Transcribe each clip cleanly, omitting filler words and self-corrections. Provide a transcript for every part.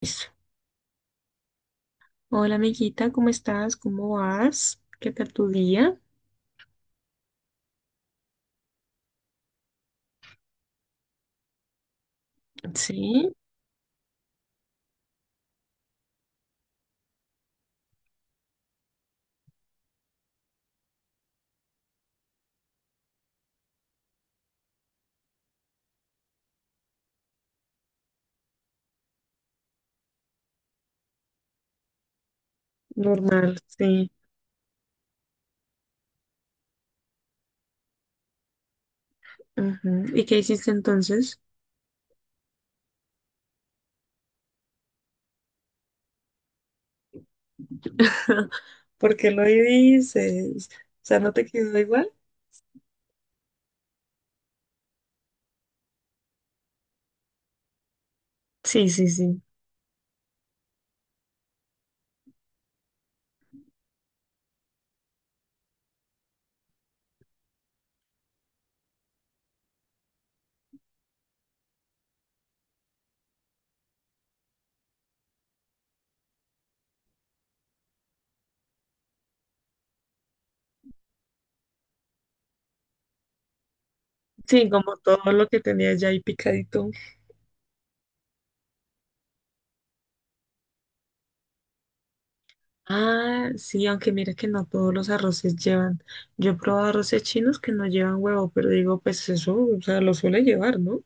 Eso. Hola amiguita, ¿cómo estás? ¿Cómo vas? ¿Qué tal tu día? Sí, normal, sí. Ujú. ¿Y qué hiciste entonces? ¿Por qué lo dices? O sea, ¿no te quedó igual? Sí, sí, sí. Sí, como todo lo que tenía ya ahí picadito. Ah, sí, aunque mira que no todos los arroces llevan. Yo he probado arroces chinos que no llevan huevo, pero digo, pues eso, o sea, lo suele llevar, ¿no?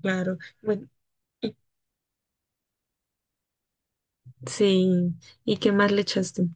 Claro. Bueno, y, sí. ¿Y qué más le echaste?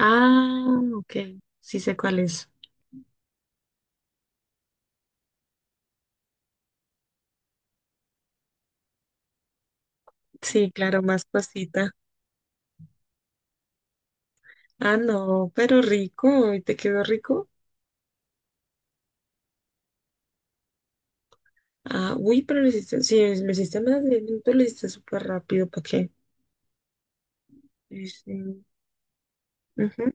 Ah, ok. Sí sé cuál es. Sí, claro, más pasita. Ah, no, pero rico. ¿Y te quedó rico? Ah, uy, pero lo hiciste, sí, lo hiciste más de minutos, lo hiciste súper rápido, ¿para qué? Sí, sí. Ujú.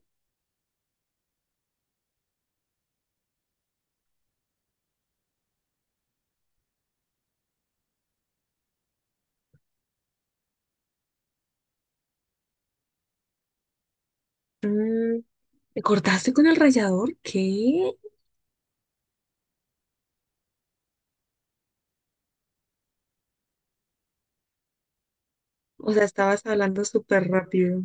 Mm, ¿Te cortaste con el rallador? ¿Qué? O sea, estabas hablando súper rápido.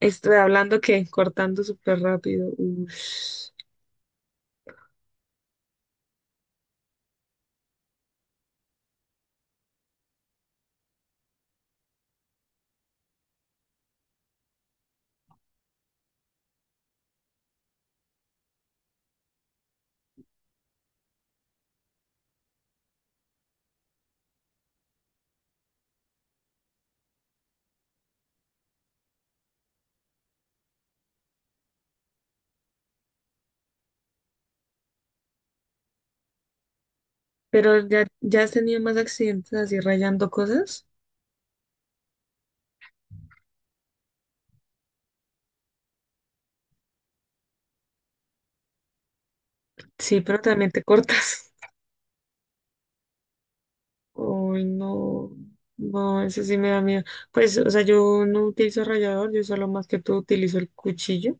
Estoy hablando que cortando súper rápido. Ush. Pero ya has tenido más accidentes así rayando cosas. Sí, pero también te cortas. Uy, no, no, ese sí me da miedo. Pues, o sea, yo no utilizo rallador, yo solo más que todo utilizo el cuchillo,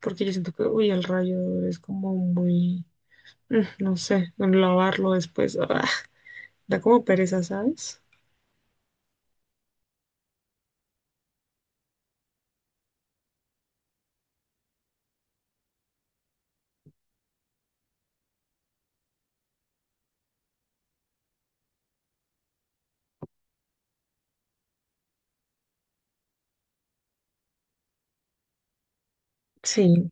porque yo siento que, uy, el rallador es como muy, mm, no sé, lavarlo después, ah, da como pereza, ¿sabes? Sí.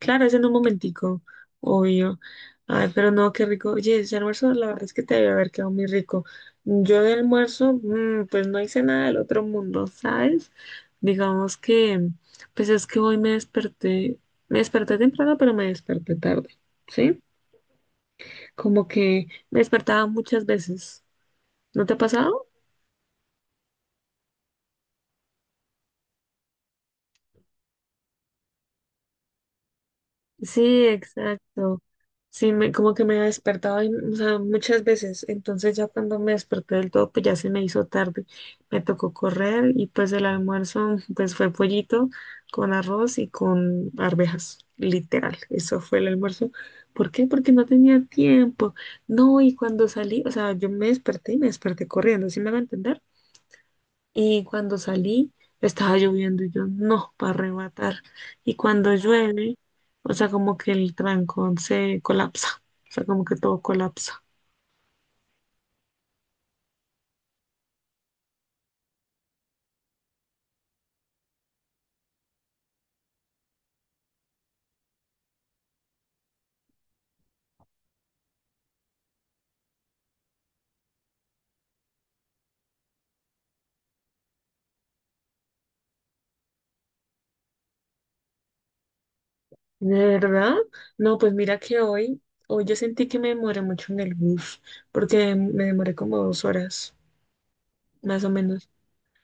Claro, es en un momentico, obvio. Ay, pero no, qué rico. Oye, ese almuerzo, la verdad es que te debe haber quedado muy rico. Yo de almuerzo, mm, pues no hice nada del otro mundo, ¿sabes? Digamos que, pues es que hoy me desperté temprano, pero me desperté tarde, ¿sí? Como que me despertaba muchas veces. ¿No te ha pasado? Sí, exacto. Sí, como que me despertaba, y, o sea, muchas veces. Entonces ya cuando me desperté del todo, pues ya se me hizo tarde. Me tocó correr y pues el almuerzo, pues fue pollito con arroz y con arvejas, literal. Eso fue el almuerzo. ¿Por qué? Porque no tenía tiempo. No, y cuando salí, o sea, yo me desperté y me desperté corriendo, ¿sí me van a entender? Y cuando salí, estaba lloviendo y yo, no, para arrebatar. Y cuando llueve, o sea, como que el trancón se colapsa, o sea, como que todo colapsa. ¿De verdad? No, pues mira que hoy, hoy yo sentí que me demoré mucho en el bus, porque me demoré como 2 horas, más o menos.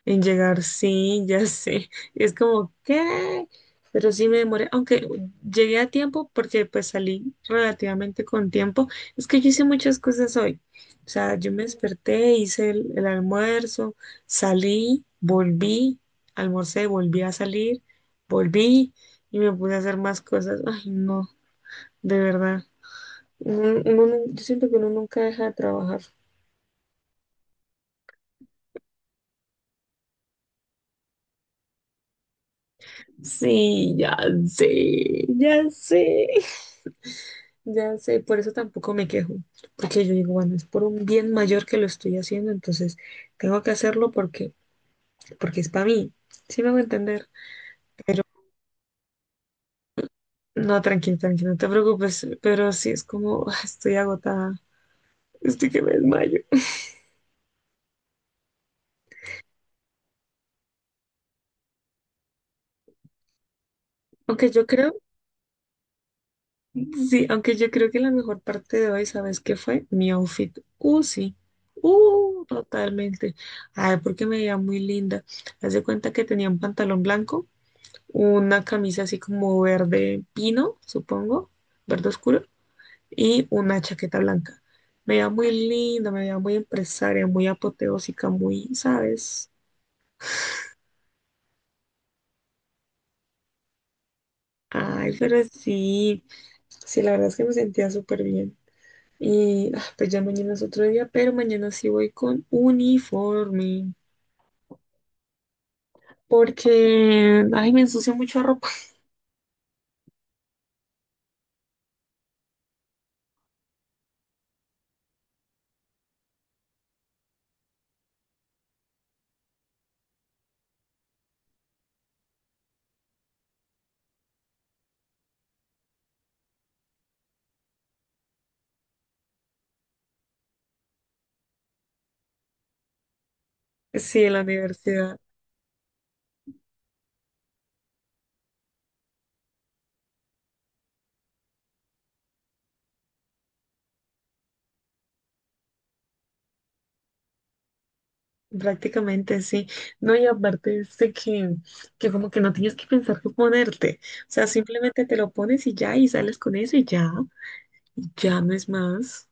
En llegar, sí, ya sé. Es como, ¿qué? Pero sí me demoré, aunque llegué a tiempo porque pues salí relativamente con tiempo. Es que yo hice muchas cosas hoy. O sea, yo me desperté, hice el almuerzo, salí, volví, almorcé, volví a salir, volví y me puse a hacer más cosas. Ay, no, de verdad. Yo siento que uno nunca deja de trabajar. Sí, ya sé. Ya sé, por eso tampoco me quejo, porque yo digo, bueno, es por un bien mayor que lo estoy haciendo, entonces tengo que hacerlo porque, porque es para mí, sí me hago entender, pero no, tranquilo, tranquilo, no te preocupes, pero sí es como, ah, estoy agotada, estoy que me desmayo. Aunque yo creo, sí, Aunque yo creo que la mejor parte de hoy, ¿sabes qué fue? Mi outfit, sí, totalmente, ay, porque me veía muy linda, haz de cuenta que tenía un pantalón blanco, una camisa así como verde pino, supongo, verde oscuro, y una chaqueta blanca. Me veía muy linda, me veía muy empresaria, muy apoteósica, muy, ¿sabes? Ay, pero sí, sí, la verdad es que me sentía súper bien. Y ah, pues ya mañana es otro día, pero mañana sí voy con uniforme, porque, ay, me ensucio mucha ropa. Sí, en la universidad. Prácticamente sí. No, y aparte este que como que no tienes que pensar qué ponerte. O sea, simplemente te lo pones y ya, y sales con eso y ya. Y ya no es más.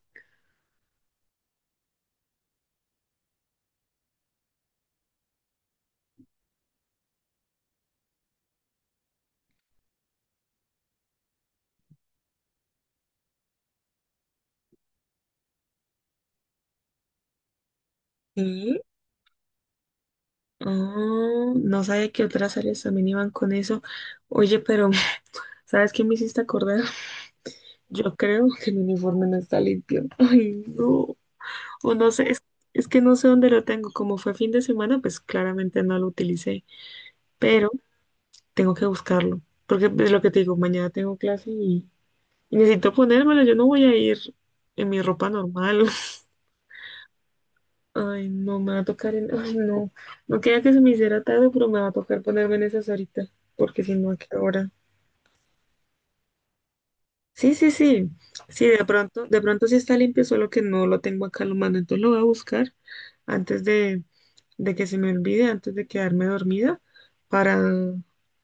Sí. Ah, no sabía que otras áreas también iban con eso. Oye, pero ¿sabes qué me hiciste acordar? Yo creo que el uniforme no está limpio. Ay, no. O no sé, es que no sé dónde lo tengo. Como fue fin de semana, pues claramente no lo utilicé. Pero tengo que buscarlo, porque es lo que te digo, mañana tengo clase y necesito ponérmelo, yo no voy a ir en mi ropa normal. Ay, no, me va a tocar en... Ay, no, no quería que se me hiciera tarde, pero me va a tocar ponerme en esas ahorita, porque si no, ¿a qué hora? Sí, sí, sí, sí, de pronto sí está limpio, solo que no lo tengo acá a la mano, entonces lo voy a buscar antes de que se me olvide, antes de quedarme dormida, para,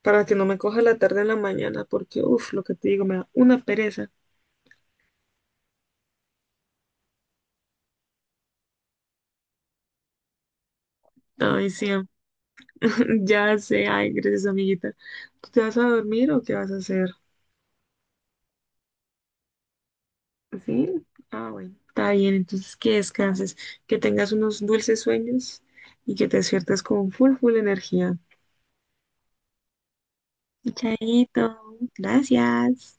para que no me coja la tarde en la mañana, porque, uff, lo que te digo, me da una pereza. Ay, sí, ya sé, ay, gracias, amiguita. ¿Tú te vas a dormir o qué vas a hacer? ¿Sí? Ah, bueno, está bien, entonces que descanses, que tengas unos dulces sueños y que te despiertes con full, full energía. Chaito, gracias.